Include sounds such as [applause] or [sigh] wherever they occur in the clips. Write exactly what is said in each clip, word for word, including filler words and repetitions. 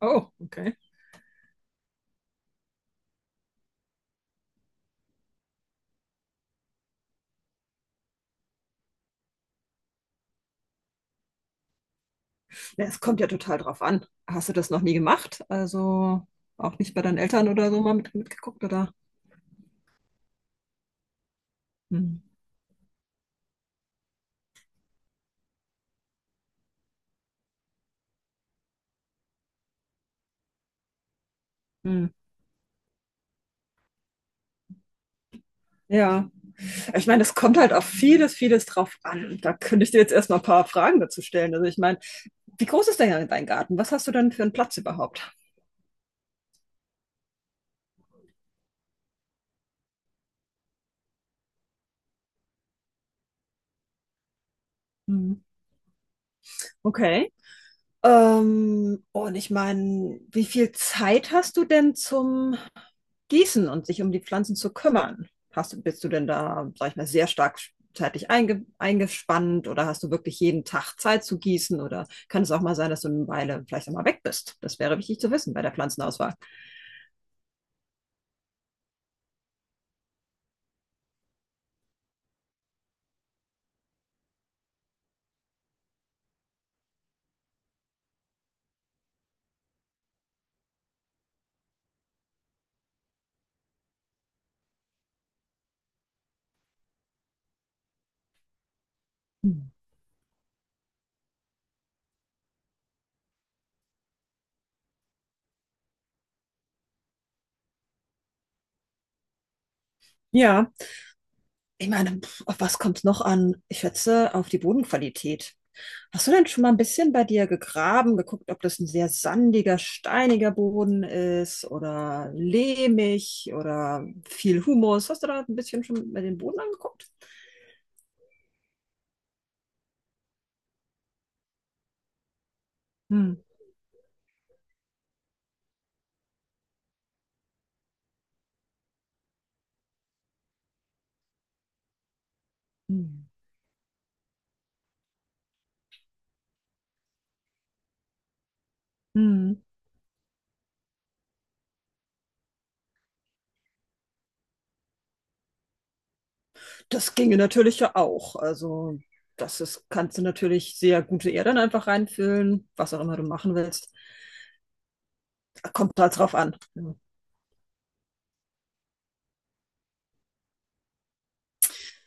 Oh, okay. Ja, es kommt ja total drauf an. Hast du das noch nie gemacht? Also auch nicht bei deinen Eltern oder so mal mit, mitgeguckt, oder? Hm. Hm. Ja, ich meine, es kommt halt auf vieles, vieles drauf an. Da könnte ich dir jetzt erstmal ein paar Fragen dazu stellen. Also ich meine, wie groß ist denn dein Garten? Was hast du denn für einen Platz überhaupt? Hm. Okay. Ähm, und ich meine, wie viel Zeit hast du denn zum Gießen und sich um die Pflanzen zu kümmern? Hast du, bist du denn da, sag ich mal, sehr stark zeitlich einge eingespannt oder hast du wirklich jeden Tag Zeit zu gießen oder kann es auch mal sein, dass du eine Weile vielleicht auch mal weg bist? Das wäre wichtig zu wissen bei der Pflanzenauswahl. Hm. Ja, ich meine, pf, auf was kommt es noch an? Ich schätze auf die Bodenqualität. Hast du denn schon mal ein bisschen bei dir gegraben, geguckt, ob das ein sehr sandiger, steiniger Boden ist oder lehmig oder viel Humus? Hast du da ein bisschen schon mal den Boden angeguckt? Hm. Hm. Hm. Das ginge natürlich ja auch. Also, das ist, kannst du natürlich sehr gute Erde dann einfach reinfüllen, was auch immer du machen willst. Kommt halt drauf an. Ja.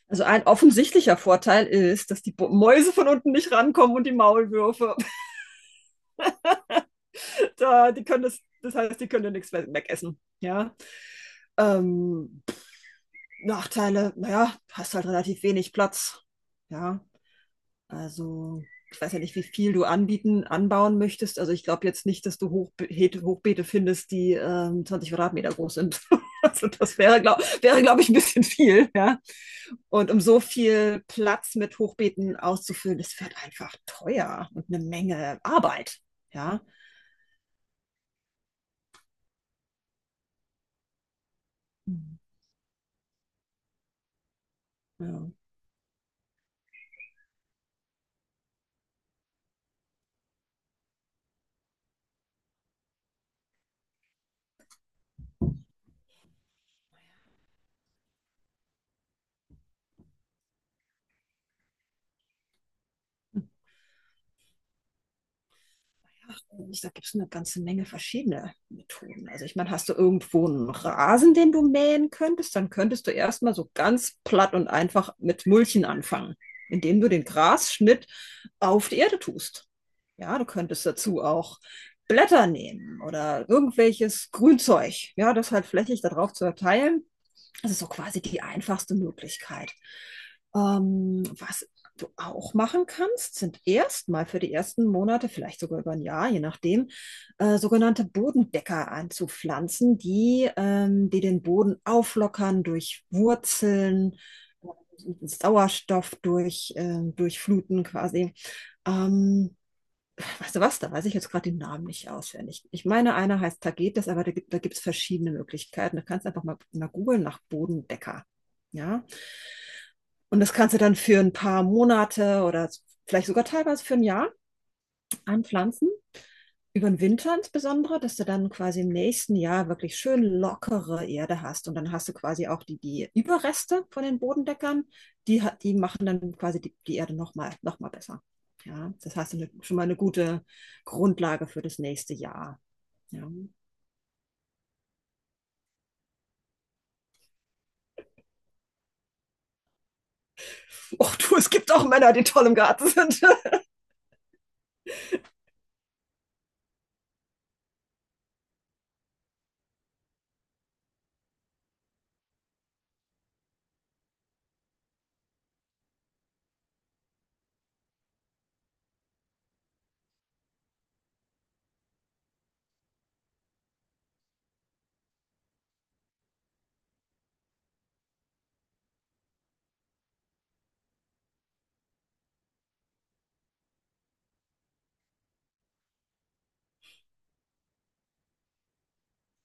Also ein offensichtlicher Vorteil ist, dass die Bo- Mäuse von unten nicht rankommen und die Maulwürfe. Äh, die können das, das heißt, die können ja nichts we- wegessen. Ja. Ähm, Nachteile, naja, hast halt relativ wenig Platz. Ja. Also, ich weiß ja nicht, wie viel du anbieten, anbauen möchtest. Also ich glaube jetzt nicht, dass du Hochbe Hochbeete findest, die ähm, zwanzig Quadratmeter groß sind. [laughs] Also das wäre, glaube wäre, glaub ich, ein bisschen viel. Ja? Und um so viel Platz mit Hochbeeten auszufüllen, das wird einfach teuer und eine Menge Arbeit. Ja. Ja. Da gibt es eine ganze Menge verschiedene Methoden. Also ich meine, hast du irgendwo einen Rasen, den du mähen könntest, dann könntest du erstmal so ganz platt und einfach mit Mulchen anfangen, indem du den Grasschnitt auf die Erde tust. Ja, du könntest dazu auch Blätter nehmen oder irgendwelches Grünzeug, ja, das halt flächig darauf zu verteilen. Das ist so quasi die einfachste Möglichkeit. Ähm, was du auch machen kannst, sind erstmal für die ersten Monate, vielleicht sogar über ein Jahr, je nachdem, äh, sogenannte Bodendecker anzupflanzen, die, ähm, die den Boden auflockern durch Wurzeln, Sauerstoff durch, äh, durch Fluten quasi. Ähm, Weißt du was, da weiß ich jetzt gerade den Namen nicht auswendig. Ich meine, einer heißt Tagetes, aber da gibt, da gibt es verschiedene Möglichkeiten. Du kannst einfach mal, mal googeln nach Bodendecker. Ja? Und das kannst du dann für ein paar Monate oder vielleicht sogar teilweise für ein Jahr anpflanzen. Über den Winter insbesondere, dass du dann quasi im nächsten Jahr wirklich schön lockere Erde hast. Und dann hast du quasi auch die, die Überreste von den Bodendeckern, die, die machen dann quasi die, die Erde nochmal noch mal besser. Ja, das heißt, eine, schon mal eine gute Grundlage für das nächste Jahr. Ja. Och du, es gibt auch Männer, die toll im Garten sind.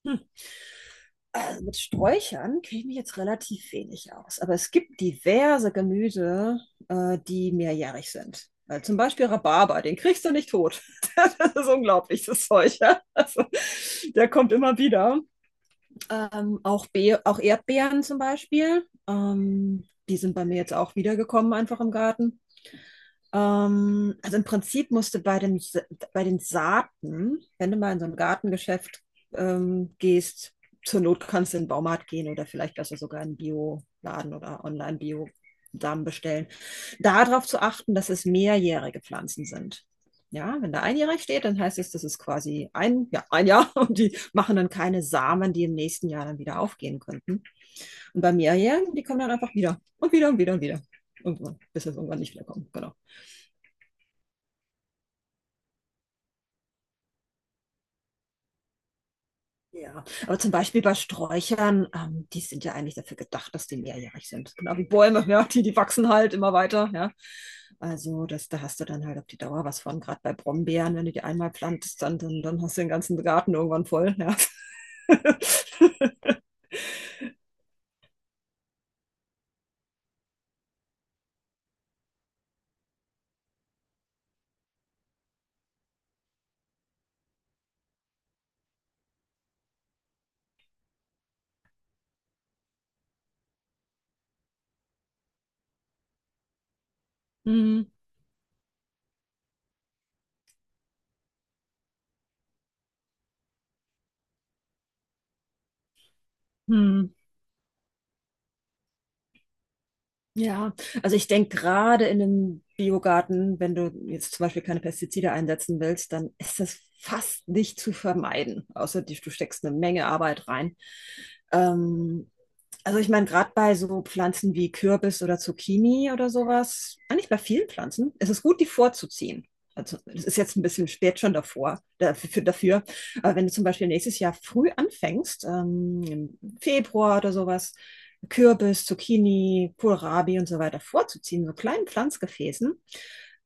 [laughs] Also mit Sträuchern kenne ich mich jetzt relativ wenig aus, aber es gibt diverse Gemüse, äh, die mehrjährig sind. Äh, zum Beispiel Rhabarber, den kriegst du nicht tot. Das ist unglaublich, das Zeug. Ja? Also, der kommt immer wieder. Ähm, auch, Be auch Erdbeeren zum Beispiel. Ähm, die sind bei mir jetzt auch wiedergekommen, einfach im Garten. Ähm, also im Prinzip musst du bei den, Sa- bei den Saaten, wenn du mal in so ein Gartengeschäft ähm, gehst, zur Not kannst du in den Baumarkt gehen oder vielleicht besser sogar in einen Bioladen oder Online-Bio-Samen bestellen. Darauf zu achten, dass es mehrjährige Pflanzen sind. Ja, wenn da einjährig steht, dann heißt es, das ist quasi ein, ja, ein Jahr [laughs] und die machen dann keine Samen, die im nächsten Jahr dann wieder aufgehen könnten. Und bei mehrjährigen, die kommen dann einfach wieder und wieder und wieder und wieder. Irgendwann, bis sie irgendwann nicht wiederkommen. Genau. Ja, aber zum Beispiel bei Sträuchern, ähm, die sind ja eigentlich dafür gedacht, dass die mehrjährig sind. Genau wie Bäume, [laughs] ja, die, die wachsen halt immer weiter, ja. Also das, da hast du dann halt auf die Dauer was von, gerade bei Brombeeren, wenn du die einmal pflanzt, dann, dann, dann hast du den ganzen Garten irgendwann voll, ja. [laughs] Hm, hm. Ja, also ich denke gerade in einem Biogarten, wenn du jetzt zum Beispiel keine Pestizide einsetzen willst, dann ist das fast nicht zu vermeiden, außer die, du steckst eine Menge Arbeit rein. Ähm, also ich meine, gerade bei so Pflanzen wie Kürbis oder Zucchini oder sowas, eigentlich bei vielen Pflanzen, ist es gut, die vorzuziehen. Also es ist jetzt ein bisschen spät schon davor, dafür, dafür. Aber wenn du zum Beispiel nächstes Jahr früh anfängst, ähm, im Februar oder sowas, Kürbis, Zucchini, Kohlrabi und so weiter vorzuziehen, so kleinen Pflanzgefäßen.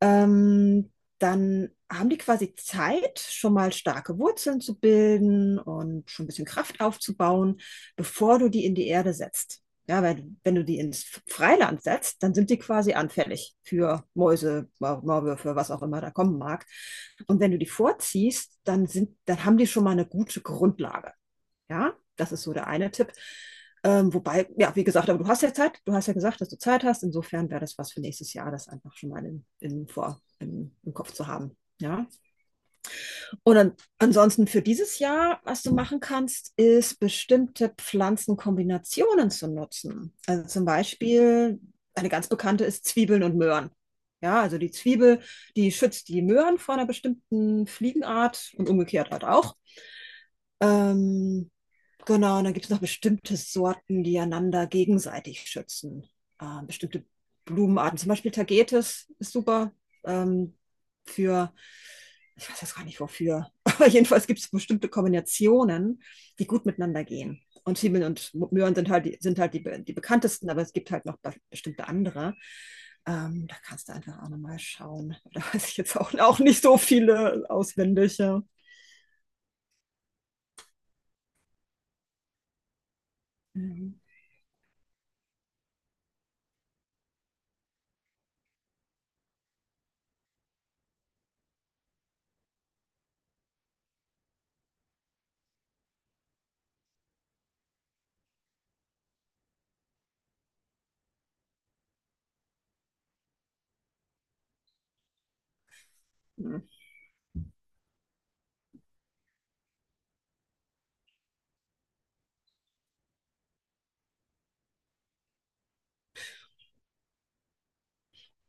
Ähm, Dann haben die quasi Zeit, schon mal starke Wurzeln zu bilden und schon ein bisschen Kraft aufzubauen, bevor du die in die Erde setzt. Ja, weil wenn du die ins Freiland setzt, dann sind die quasi anfällig für Mäuse, Maulwürfe, was auch immer da kommen mag. Und wenn du die vorziehst, dann sind, dann haben die schon mal eine gute Grundlage. Ja, das ist so der eine Tipp. Ähm, wobei, ja, wie gesagt, aber du hast ja Zeit, du hast ja gesagt, dass du Zeit hast. Insofern wäre das was für nächstes Jahr, das einfach schon mal in, in, vor, im, im Kopf zu haben. Ja. Und an, Ansonsten für dieses Jahr, was du machen kannst, ist bestimmte Pflanzenkombinationen zu nutzen. Also zum Beispiel, eine ganz bekannte ist Zwiebeln und Möhren. Ja, also die Zwiebel, die schützt die Möhren vor einer bestimmten Fliegenart und umgekehrt halt auch. Ähm, Genau, und dann gibt es noch bestimmte Sorten, die einander gegenseitig schützen. Ähm, bestimmte Blumenarten, zum Beispiel Tagetes ist super ähm, für, ich weiß jetzt gar nicht wofür, [laughs] aber jedenfalls gibt es bestimmte Kombinationen, die gut miteinander gehen. Und Zwiebeln und Möhren sind halt, die, sind halt die, die bekanntesten, aber es gibt halt noch bestimmte andere. Ähm, da kannst du einfach auch nochmal schauen. [laughs] Da weiß ich jetzt auch, auch nicht so viele auswendig. Ja. Mhm. Hm.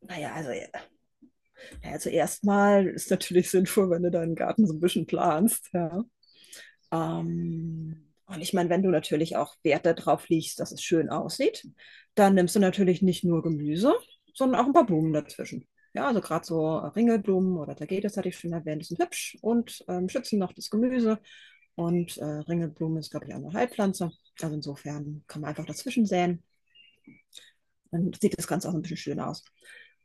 Naja, also Also erstmal ist natürlich [laughs] sinnvoll, wenn du deinen Garten so ein bisschen planst, ja. Ähm, und ich meine, wenn du natürlich auch Wert darauf legst, dass es schön aussieht, dann nimmst du natürlich nicht nur Gemüse, sondern auch ein paar Blumen dazwischen. Ja, also gerade so Ringelblumen oder Tagetes hatte ich schon erwähnt, die sind hübsch und ähm, schützen noch das Gemüse. Und äh, Ringelblume ist, glaube ich, auch eine Heilpflanze. Also insofern kann man einfach dazwischen säen. Dann sieht das Ganze auch so ein bisschen schön aus.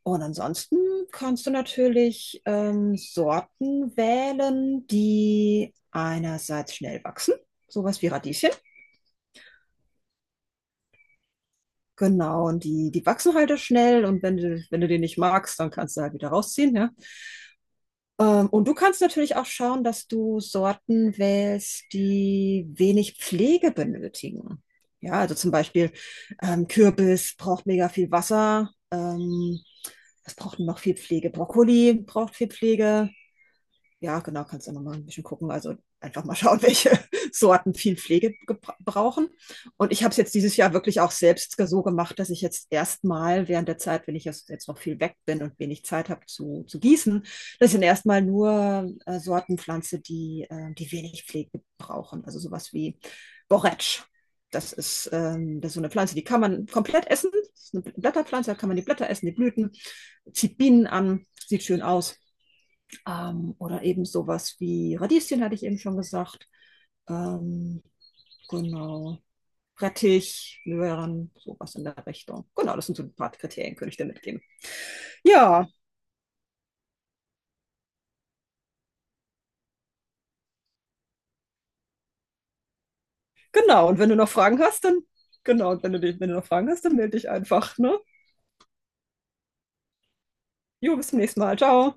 Und ansonsten kannst du natürlich ähm, Sorten wählen, die einerseits schnell wachsen, sowas wie Radieschen. Genau, und die, die wachsen halt auch schnell und wenn du, wenn du den nicht magst, dann kannst du halt wieder rausziehen, ja. Ähm, und du kannst natürlich auch schauen, dass du Sorten wählst, die wenig Pflege benötigen. Ja, also zum Beispiel ähm, Kürbis braucht mega viel Wasser. Ähm, was braucht noch viel Pflege? Brokkoli braucht viel Pflege. Ja, genau, kannst du noch mal ein bisschen gucken. Also einfach mal schauen, welche [laughs] Sorten viel Pflege gebra- brauchen. Und ich habe es jetzt dieses Jahr wirklich auch selbst so gemacht, dass ich jetzt erstmal während der Zeit, wenn ich jetzt jetzt noch viel weg bin und wenig Zeit habe zu, zu gießen, das sind erstmal nur äh, Sorten pflanze, die, äh, die wenig Pflege brauchen. Also sowas wie Borretsch. Das ist, ähm, das ist so eine Pflanze, die kann man komplett essen. Das ist eine Blätterpflanze, da kann man die Blätter essen, die Blüten. Zieht Bienen an, sieht schön aus. Ähm, oder eben sowas wie Radieschen, hatte ich eben schon gesagt. Ähm, genau. Rettich, Möhren, sowas in der Richtung. Genau, das sind so ein paar Kriterien, könnte ich dir mitgeben. Ja, genau. Und wenn du noch Fragen hast, dann, genau, wenn du, wenn du noch Fragen hast, dann melde dich einfach, ne? Jo, bis zum nächsten Mal. Ciao.